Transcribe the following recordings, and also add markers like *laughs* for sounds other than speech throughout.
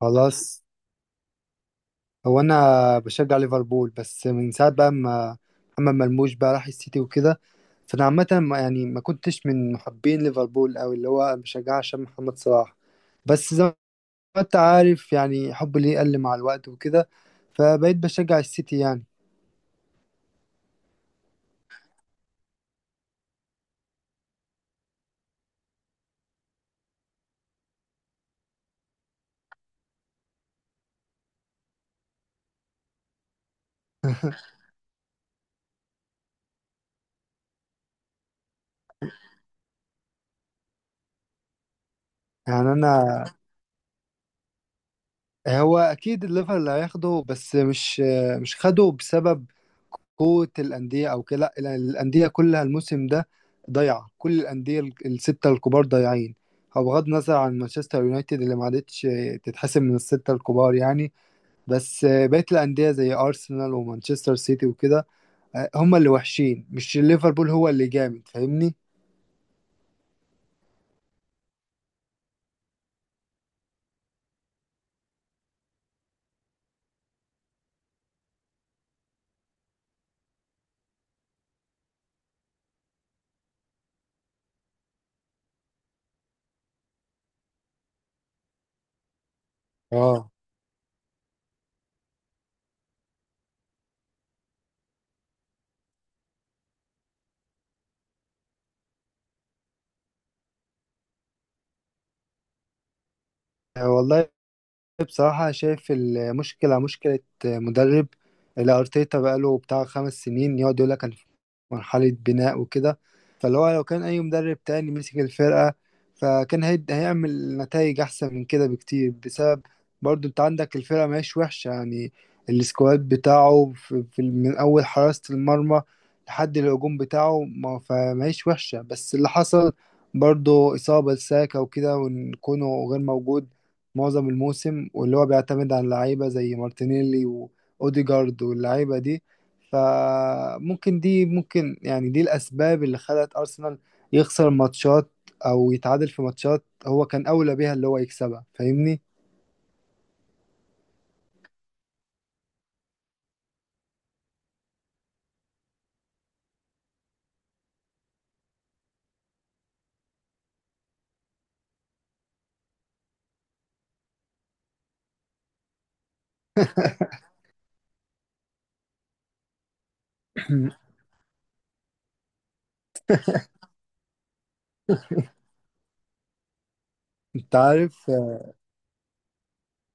خلاص. هو انا بشجع ليفربول بس من ساعه بقى ما محمد مرموش بقى راح السيتي وكده. فانا عامه يعني ما كنتش من محبين ليفربول قوي اللي هو بشجعها عشان محمد صلاح. بس زي ما انت عارف يعني حبي ليه قل مع الوقت وكده، فبقيت بشجع السيتي يعني. *laughs* يعني انا هو اكيد الليفر اللي هياخده، بس مش خده بسبب قوة الأندية أو كده، لا، الأندية كلها الموسم ده ضايعة. كل الأندية الستة الكبار ضايعين. هو بغض النظر عن مانشستر يونايتد اللي ما عادتش تتحسب من الستة الكبار يعني، بس بقية الأندية زي أرسنال ومانشستر سيتي وكده، آه، هم اللي وحشين مش ليفربول هو اللي جامد، فاهمني؟ اه والله، بصراحة شايف المشكلة مشكلة مدرب. الأرتيتا بقاله بتاع 5 سنين يقعد يقول لك مرحلة بناء وكده، فاللي هو لو كان أي مدرب تاني مسك الفرقة فكان هيعمل نتائج أحسن من كده بكتير، بسبب برضو أنت عندك الفرقة ماهيش وحشة يعني. السكواد بتاعه في من أول حراسة المرمى لحد الهجوم بتاعه ما فماهيش وحشة، بس اللي حصل برضو إصابة لساكا وكده، وإن كونه غير موجود معظم الموسم، واللي هو بيعتمد على اللعيبة زي مارتينيلي وأوديجارد واللعيبة دي. فممكن دي ممكن يعني دي الأسباب اللي خلت أرسنال يخسر ماتشات أو يتعادل في ماتشات هو كان أولى بيها اللي هو يكسبها، فاهمني؟ *laughs* *clears throat* أنت عارف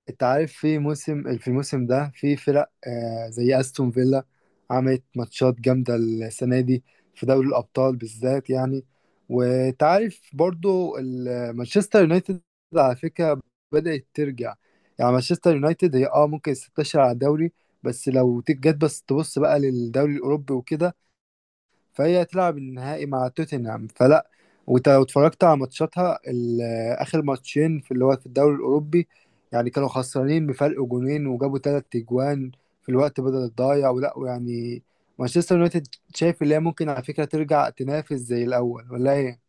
انت عارف في موسم في الموسم ده في فرق، آه، زي استون فيلا عملت ماتشات جامدة السنة دي في دوري الأبطال بالذات يعني. وانت عارف برضو مانشستر يونايتد على فكرة بدأت ترجع. يعني مانشستر يونايتد هي اه ممكن 16 على الدوري، بس لو تيجي جت بس تبص بقى للدوري الأوروبي وكده فهي تلعب النهائي مع توتنهام، فلا واتفرجت على ماتشاتها اخر ماتشين في اللي هو في الدوري الاوروبي، يعني كانوا خسرانين بفرق جونين وجابوا تلات اجوان في الوقت بدل الضايع ولا يعني. مانشستر يونايتد شايف اللي هي ممكن على فكرة ترجع تنافس زي الاول ولا ايه؟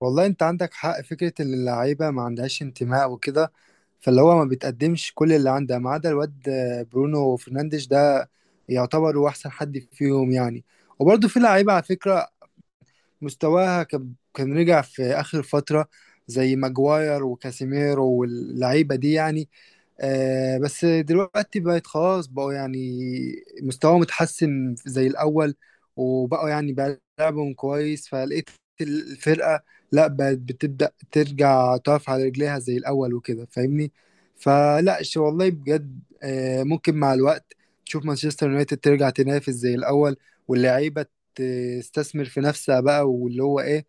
والله انت عندك حق فكرة ان اللعيبة ما عندهاش انتماء وكده، فاللي هو ما بتقدمش كل اللي عندها ما عدا الواد برونو فرنانديش ده يعتبر هو احسن حد فيهم يعني. وبرضه في لعيبة على فكرة مستواها كان رجع في آخر فترة، زي ماجواير وكاسيميرو واللعيبة دي يعني. آه، بس دلوقتي بقت خلاص، بقوا يعني مستواهم متحسن زي الأول، وبقوا يعني بيلعبهم كويس فلقيت الفرقة لا بقت بتبدأ ترجع تقف على رجليها زي الأول وكده فاهمني. فلا والله بجد آه ممكن مع الوقت تشوف مانشستر يونايتد ترجع تنافس زي الأول، واللعيبة تستثمر في نفسها بقى، واللي هو ايه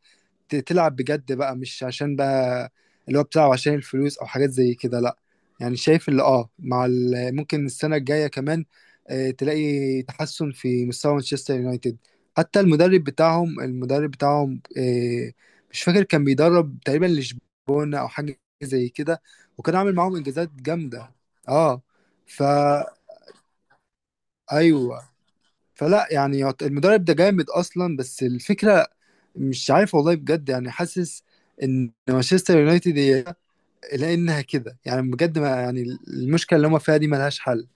تلعب بجد بقى، مش عشان بقى اللي هو بتلعب عشان الفلوس او حاجات زي كده لا. يعني شايف اللي اه مع ممكن السنة الجاية كمان آه، تلاقي تحسن في مستوى مانشستر يونايتد. حتى المدرب بتاعهم المدرب بتاعهم آه، مش فاكر كان بيدرب تقريبا لشبونة او حاجة زي كده، وكان عامل معاهم انجازات جامدة. اه فا ايوه. فلا يعني المدرب ده جامد اصلا، بس الفكرة مش عارف والله بجد، يعني حاسس ان مانشستر يونايتد هي لانها كده يعني بجد ما يعني المشكله اللي هم فيها دي ملهاش حل.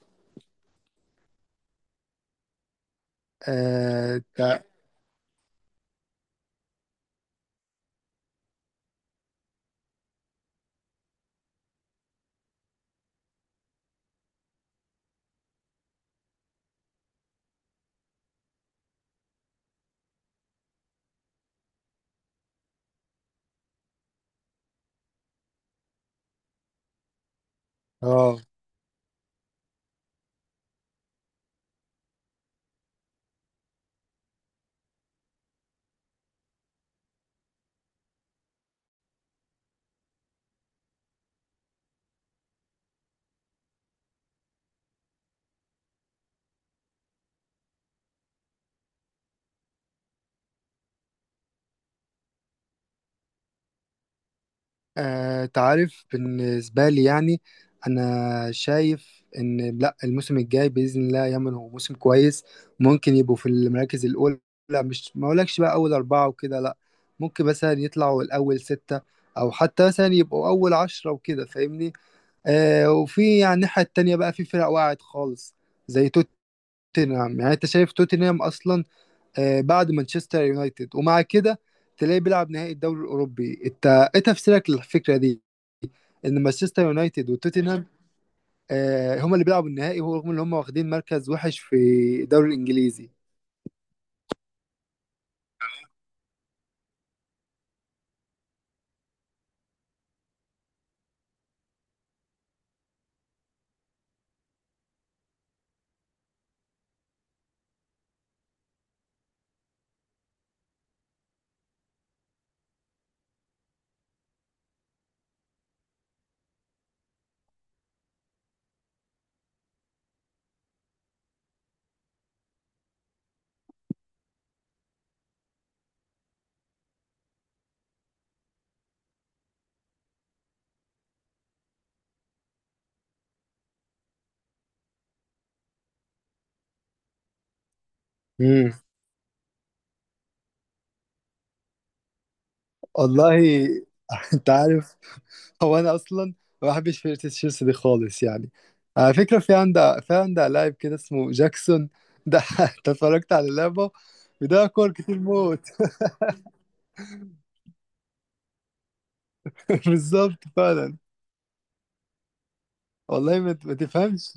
آه تع- اه تعرف بالنسبه لي يعني انا شايف ان لا الموسم الجاي باذن الله يمن هو موسم كويس، ممكن يبقوا في المراكز الاولى. لا، مش ما اقولكش بقى اول اربعه وكده لا، ممكن مثلا يطلعوا الاول سته او حتى مثلا يبقوا اول عشره وكده فاهمني. آه وفي على الناحية التانية بقى في فرق وقعت خالص، زي توتنهام. يعني انت شايف توتنهام اصلا آه بعد مانشستر يونايتد ومع كده تلاقيه بيلعب نهائي الدوري الاوروبي، انت ايه تفسيرك للفكرة دي ان مانشستر يونايتد وتوتنهام آه هما اللي بيلعبوا النهائي ورغم ان هما واخدين مركز وحش في الدوري الانجليزي؟ امم والله. *laughs* انت عارف هو انا اصلا ما بحبش فرقه تشيلسي دي خالص يعني، على فكره في عندها لاعب كده اسمه جاكسون ده. *laughs* أنت اتفرجت على لعبه، بيضيع كور كتير موت. *laughs* بالظبط فعلا. والله ما تفهمش.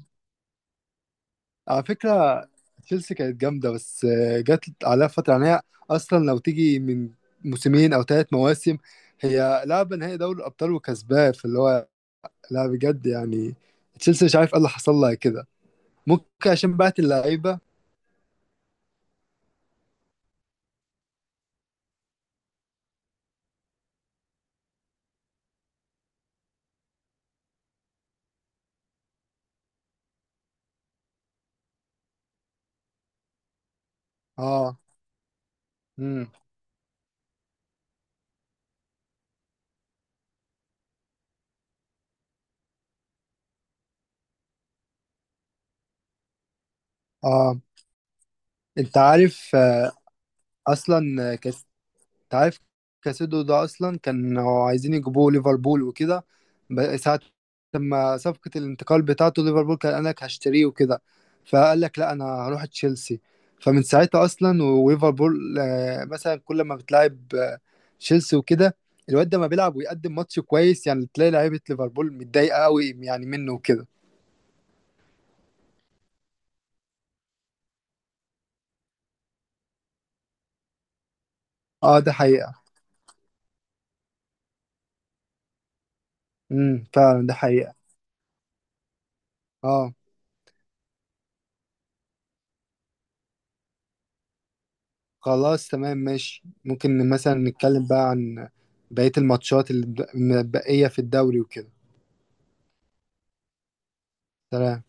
على فكره تشيلسي كانت جامده، بس آه، جت عليها فتره يعني، هي اصلا لو تيجي من موسمين او ثلاث مواسم هي لعبه نهائي دوري الابطال وكسباه فاللي هو لا بجد يعني تشيلسي مش عارف ايه اللي حصل لها كده، ممكن عشان بعت اللعيبه. اه اه انت عارف آه، اصلا آه، انت عارف كاسيدو ده اصلا كانوا عايزين يجيبوه ليفربول وكده، ساعة لما صفقة الانتقال بتاعته ليفربول كان قال لك هشتريه وكده فقال لك لا انا هروح تشيلسي. فمن ساعتها اصلا وليفربول آه، مثلا كل ما بتلعب آه، تشيلسي وكده، الواد ده ما بيلعب ويقدم ماتش كويس، يعني تلاقي لعيبة ليفربول متضايقة قوي يعني منه وكده. اه ده حقيقة. فعلا ده حقيقة. اه خلاص تمام ماشي، ممكن مثلا نتكلم بقى عن بقية الماتشات اللي متبقية في الدوري وكده. سلام.